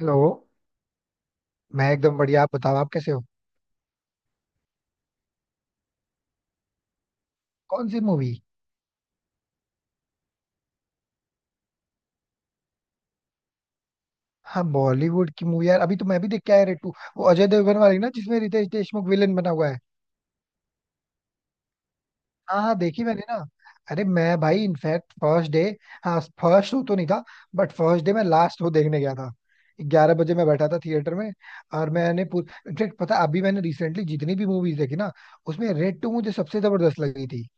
Hello. मैं एकदम बढ़िया. आप बताओ, आप कैसे हो? कौन सी मूवी? हाँ, बॉलीवुड की मूवी यार. अभी तो मैं भी देख के आया रेटू, वो अजय देवगन वाली ना, जिसमें रितेश देशमुख विलेन बना हुआ है. हाँ हाँ, देखी मैंने ना. अरे मैं भाई इनफैक्ट फर्स्ट डे. हाँ, फर्स्ट शो तो नहीं था. बट फर्स्ट डे मैं लास्ट शो देखने गया था. 11 बजे मैं बैठा था थिएटर में. और मैंने इनफैक्ट पता है, अभी मैंने रिसेंटली जितनी भी मूवीज देखी ना, उसमें रेड टू मुझे सबसे जबरदस्त लगी थी.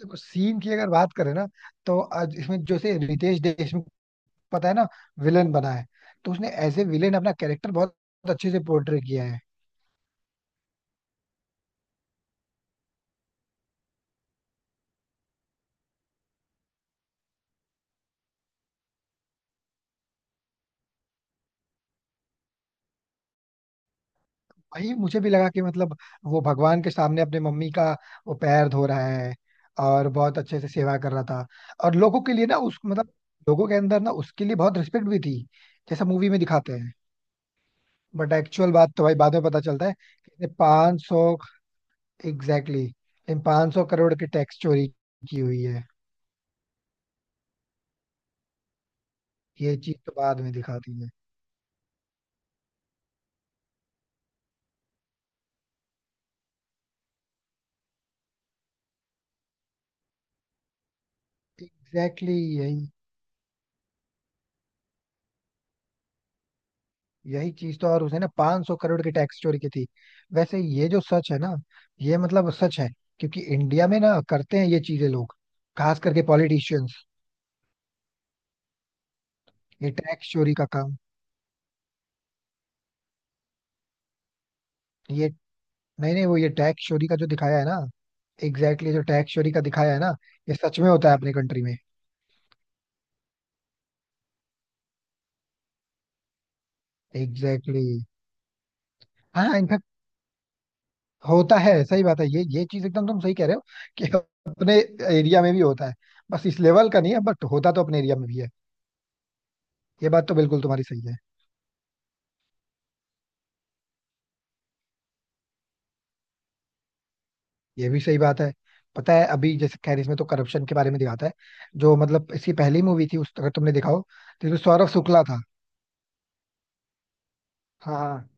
देखो, सीन की अगर बात करें ना, तो आज इसमें जैसे रितेश देशमुख, पता है ना, विलेन बना है. तो उसने एज ए विलेन अपना कैरेक्टर बहुत अच्छे से पोर्ट्रे किया है. वही मुझे भी लगा कि मतलब वो भगवान के सामने अपने मम्मी का वो पैर धो रहा है और बहुत अच्छे से सेवा कर रहा था. और लोगों के लिए ना, उस मतलब लोगों के अंदर ना उसके लिए बहुत रिस्पेक्ट भी थी, जैसा मूवी में दिखाते हैं. बट एक्चुअल बात तो भाई बाद में पता चलता है कि 500. एग्जैक्टली. इन 500 करोड़ की टैक्स चोरी की हुई है. ये चीज तो बाद में दिखाती है. Exactly exactly. यही. यही चीज तो, और उसने ना 500 करोड़ की टैक्स चोरी की थी. वैसे ये जो सच है ना, ये मतलब सच है. क्योंकि इंडिया में ना करते हैं ये चीजें लोग, खास करके पॉलिटिशियंस. ये टैक्स चोरी का काम. ये नहीं नहीं, वो ये टैक्स चोरी का जो दिखाया है ना. एग्जैक्टली exactly, जो टैक्स चोरी का दिखाया है ना, ये सच में होता है अपनी कंट्री में. Exactly exactly. हाँ इनफैक्ट. होता है. सही बात है. ये चीज एकदम. तुम सही कह रहे हो कि अपने एरिया में भी होता है. बस इस लेवल का नहीं है बट होता तो अपने एरिया में भी है. ये बात तो बिल्कुल तुम्हारी सही है. ये भी सही बात है. पता है, अभी जैसे खैर इसमें तो करप्शन के बारे में दिखाता है. जो मतलब इसकी पहली मूवी थी, उस अगर तुमने देखा हो, तो इसमें सौरव शुक्ला था. हाँ हाँ.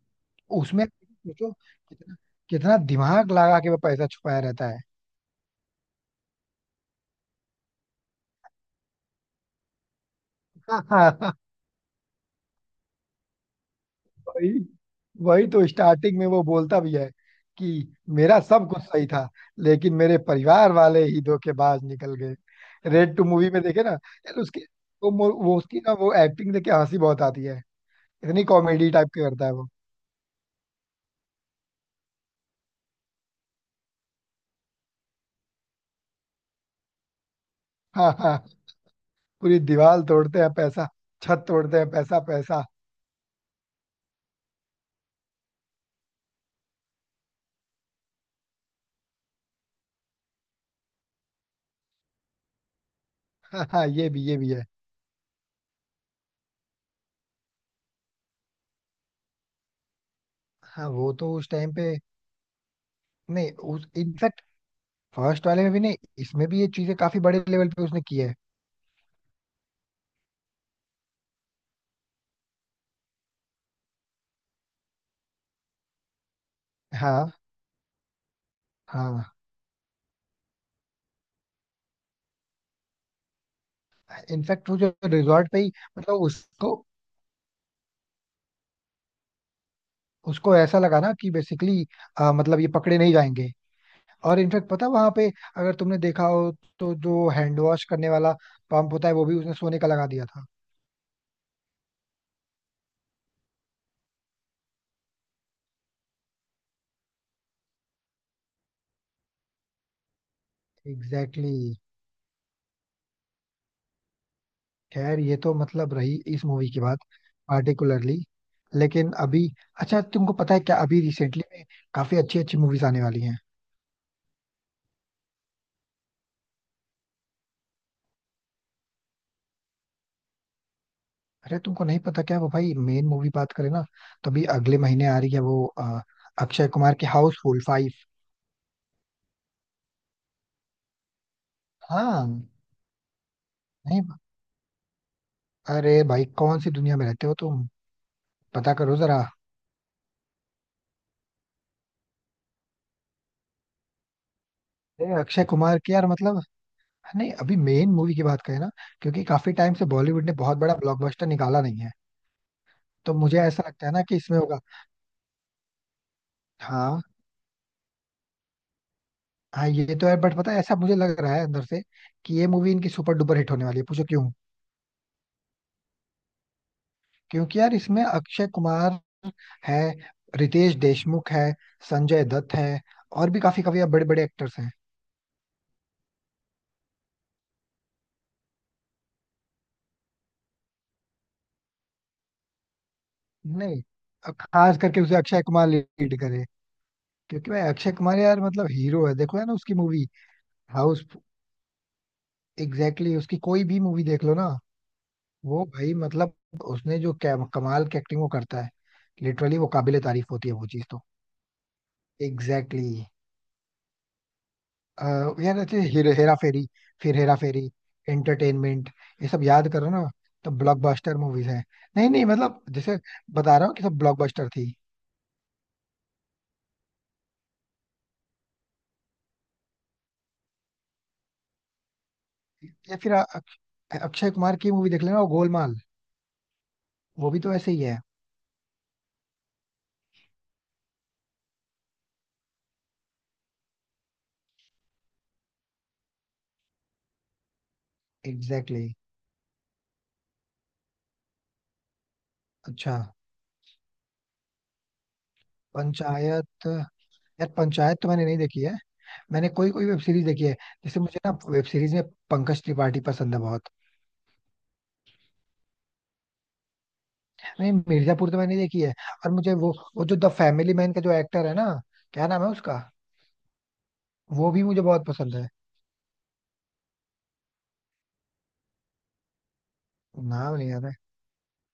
उसमें सोचो कितना कितना दिमाग लगा के वो पैसा छुपाया रहता है. वही. वही तो स्टार्टिंग में वो बोलता भी है कि मेरा सब कुछ सही था लेकिन मेरे परिवार वाले ही धोखेबाज निकल गए. रेड टू मूवी में देखे ना यार उसके. वो वो उसकी ना वो एक्टिंग देख के हंसी बहुत आती है. इतनी कॉमेडी टाइप की करता है. वो पूरी दीवार तोड़ते हैं पैसा, छत तोड़ते हैं पैसा पैसा. हाँ हाँ, ये भी है. हाँ, वो तो उस टाइम पे. नहीं, उस इनफैक्ट फर्स्ट वाले में भी नहीं. इसमें भी ये चीजें काफी बड़े लेवल पे उसने की है. हाँ हाँ इनफैक्ट. वो जो रिजॉर्ट पे ही मतलब उसको उसको ऐसा लगा ना कि बेसिकली मतलब ये पकड़े नहीं जाएंगे. और इनफैक्ट पता वहां पे, अगर तुमने देखा हो, तो जो हैंड वॉश करने वाला पंप होता है वो भी उसने सोने का लगा दिया था. एग्जैक्टली. खैर, ये तो मतलब रही इस मूवी की बात, पार्टिकुलरली. लेकिन अभी, अच्छा तुमको पता है क्या अभी रिसेंटली में काफी अच्छी अच्छी मूवीज आने वाली हैं? अरे तुमको नहीं पता क्या? वो भाई मेन मूवी बात करें ना, तो अभी अगले महीने आ रही है वो अक्षय कुमार की हाउसफुल 5. हाँ. नहीं, अरे भाई कौन सी दुनिया में रहते हो तुम? पता करो जरा. अरे अक्षय कुमार की यार, मतलब नहीं, अभी मेन मूवी की बात करें ना, क्योंकि काफी टाइम से बॉलीवुड ने बहुत बड़ा ब्लॉकबस्टर निकाला नहीं है. तो मुझे ऐसा लगता है ना कि इसमें होगा. हाँ हाँ ये तो है, बट पता है ऐसा मुझे लग रहा है अंदर से कि ये मूवी इनकी सुपर डुपर हिट होने वाली है. पूछो क्यों? क्योंकि यार इसमें अक्षय कुमार है, रितेश देशमुख है, संजय दत्त है, और भी काफी काफी बड़े बड़े एक्टर्स हैं. नहीं, अब खास करके उसे अक्षय कुमार लीड करे, क्योंकि भाई अक्षय कुमार यार मतलब हीरो है. देखो है ना, उसकी मूवी. हाउस. एग्जैक्टली, उसकी कोई भी मूवी देख लो ना. वो भाई मतलब उसने जो कमाल की एक्टिंग वो करता है. लिटरली, वो काबिले तारीफ होती है वो चीज तो. एग्जैक्टली. यार, अच्छे हेरा फेरी. फिर हेरा फेरी. एंटरटेनमेंट. ये सब याद करो ना, तो ब्लॉकबस्टर मूवीज हैं. नहीं नहीं, मतलब जैसे बता रहा हूँ कि सब ब्लॉकबस्टर थी. या फिर अक्षय कुमार की मूवी देख लेना, वो गोलमाल. वो भी तो ऐसे ही है. Exactly exactly. अच्छा पंचायत. यार पंचायत तो मैंने नहीं देखी है. मैंने कोई कोई वेब सीरीज देखी है. जैसे मुझे ना वेब सीरीज में पंकज त्रिपाठी पसंद है बहुत. नहीं, मिर्जापुर तो मैंने देखी है. और मुझे वो जो द फैमिली मैन का जो एक्टर है ना, क्या नाम है उसका, वो भी मुझे बहुत पसंद है. नाम नहीं याद है.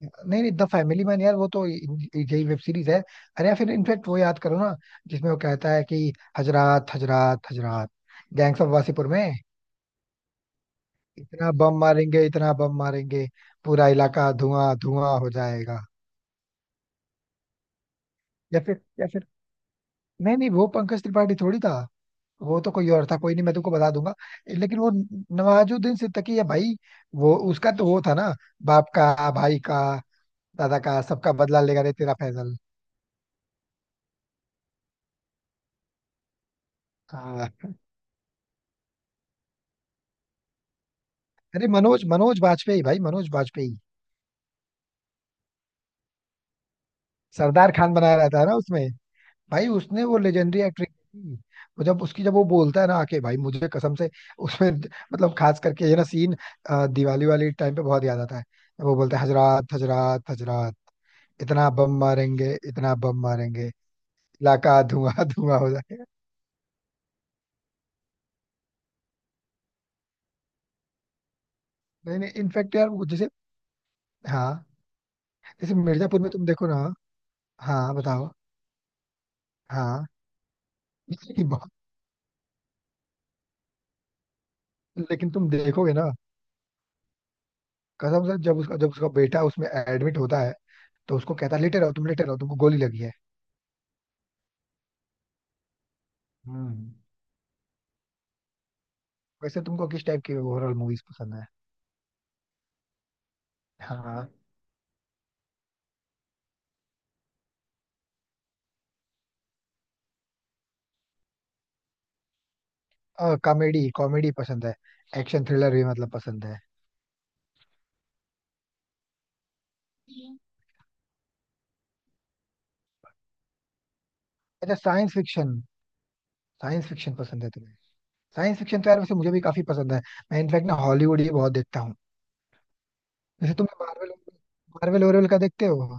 नहीं नहीं, द फैमिली मैन यार वो तो यही वेब सीरीज है. अरे या फिर इनफेक्ट, वो याद करो ना, जिसमें वो कहता है कि हजरात हजरात हजरात, गैंग्स ऑफ वासीपुर में, इतना बम मारेंगे इतना बम मारेंगे, पूरा इलाका धुआं धुआं हो जाएगा. या फिर नहीं नहीं, वो पंकज त्रिपाठी थोड़ी था. वो तो कोई और था. कोई नहीं, मैं तुमको बता दूंगा. लेकिन वो, नवाजुद्दीन सिद्दीकी है भाई. वो उसका तो वो था ना, बाप का, भाई का, दादा का, सबका बदला लेगा रे तेरा फैजल. हाँ. अरे मनोज मनोज बाजपेयी भाई, मनोज बाजपेयी. सरदार खान बना रहा था ना उसमें. भाई उसने वो लेजेंडरी एक्ट्रेस थी. वो जब वो बोलता है ना, आके भाई मुझे कसम से, उसमें मतलब खास करके ये ना सीन दिवाली वाली टाइम पे बहुत याद आता है. वो बोलता है हजरात हजरात हजरात, इतना बम मारेंगे इतना बम मारेंगे, इलाका धुआं धुआं हो जाएगा. नहीं नहीं इनफेक्ट यार, वो जैसे, हाँ, जैसे मिर्जापुर में तुम देखो ना. हाँ बताओ. हाँ बहुत-. लेकिन तुम देखोगे ना कसम से, जब उसका बेटा उसमें एडमिट होता है तो उसको कहता है, लेटे रहो तुम, लेटे रहो, तुमको गोली लगी है. हम्म. वैसे तुमको किस टाइप की हॉरर मूवीज पसंद है? हाँ, कॉमेडी कॉमेडी पसंद है. एक्शन थ्रिलर भी मतलब पसंद है. अच्छा, साइंस फिक्शन. साइंस फिक्शन पसंद है तुम्हें? साइंस फिक्शन तो यार वैसे मुझे भी काफी पसंद है. मैं इनफैक्ट ना हॉलीवुड ही बहुत देखता हूँ. जैसे तुम्हें मार्वल मार्वल वॉरवल का देखते हो?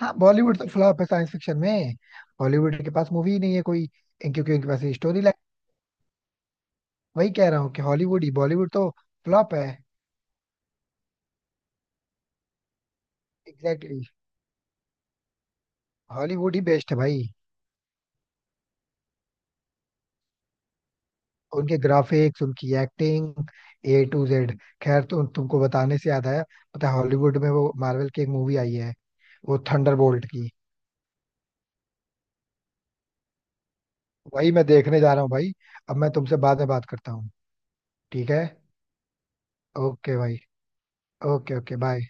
हाँ, बॉलीवुड तो फ्लॉप है साइंस फिक्शन में. बॉलीवुड के पास मूवी ही नहीं है कोई. क्योंकि उनके पास स्टोरी, वही कह रहा हूँ कि हॉलीवुड ही. बॉलीवुड तो फ्लॉप है. Exactly exactly. हॉलीवुड ही बेस्ट है भाई. उनके ग्राफिक्स, उनकी एक्टिंग, A to Z. खैर, तो तुमको बताने से याद आया, पता है हॉलीवुड में वो मार्वल की एक मूवी आई है, वो थंडरबोल्ट की. वही मैं देखने जा रहा हूँ भाई. अब मैं तुमसे बाद में बात करता हूँ. ठीक है. ओके भाई. Okay okay bye.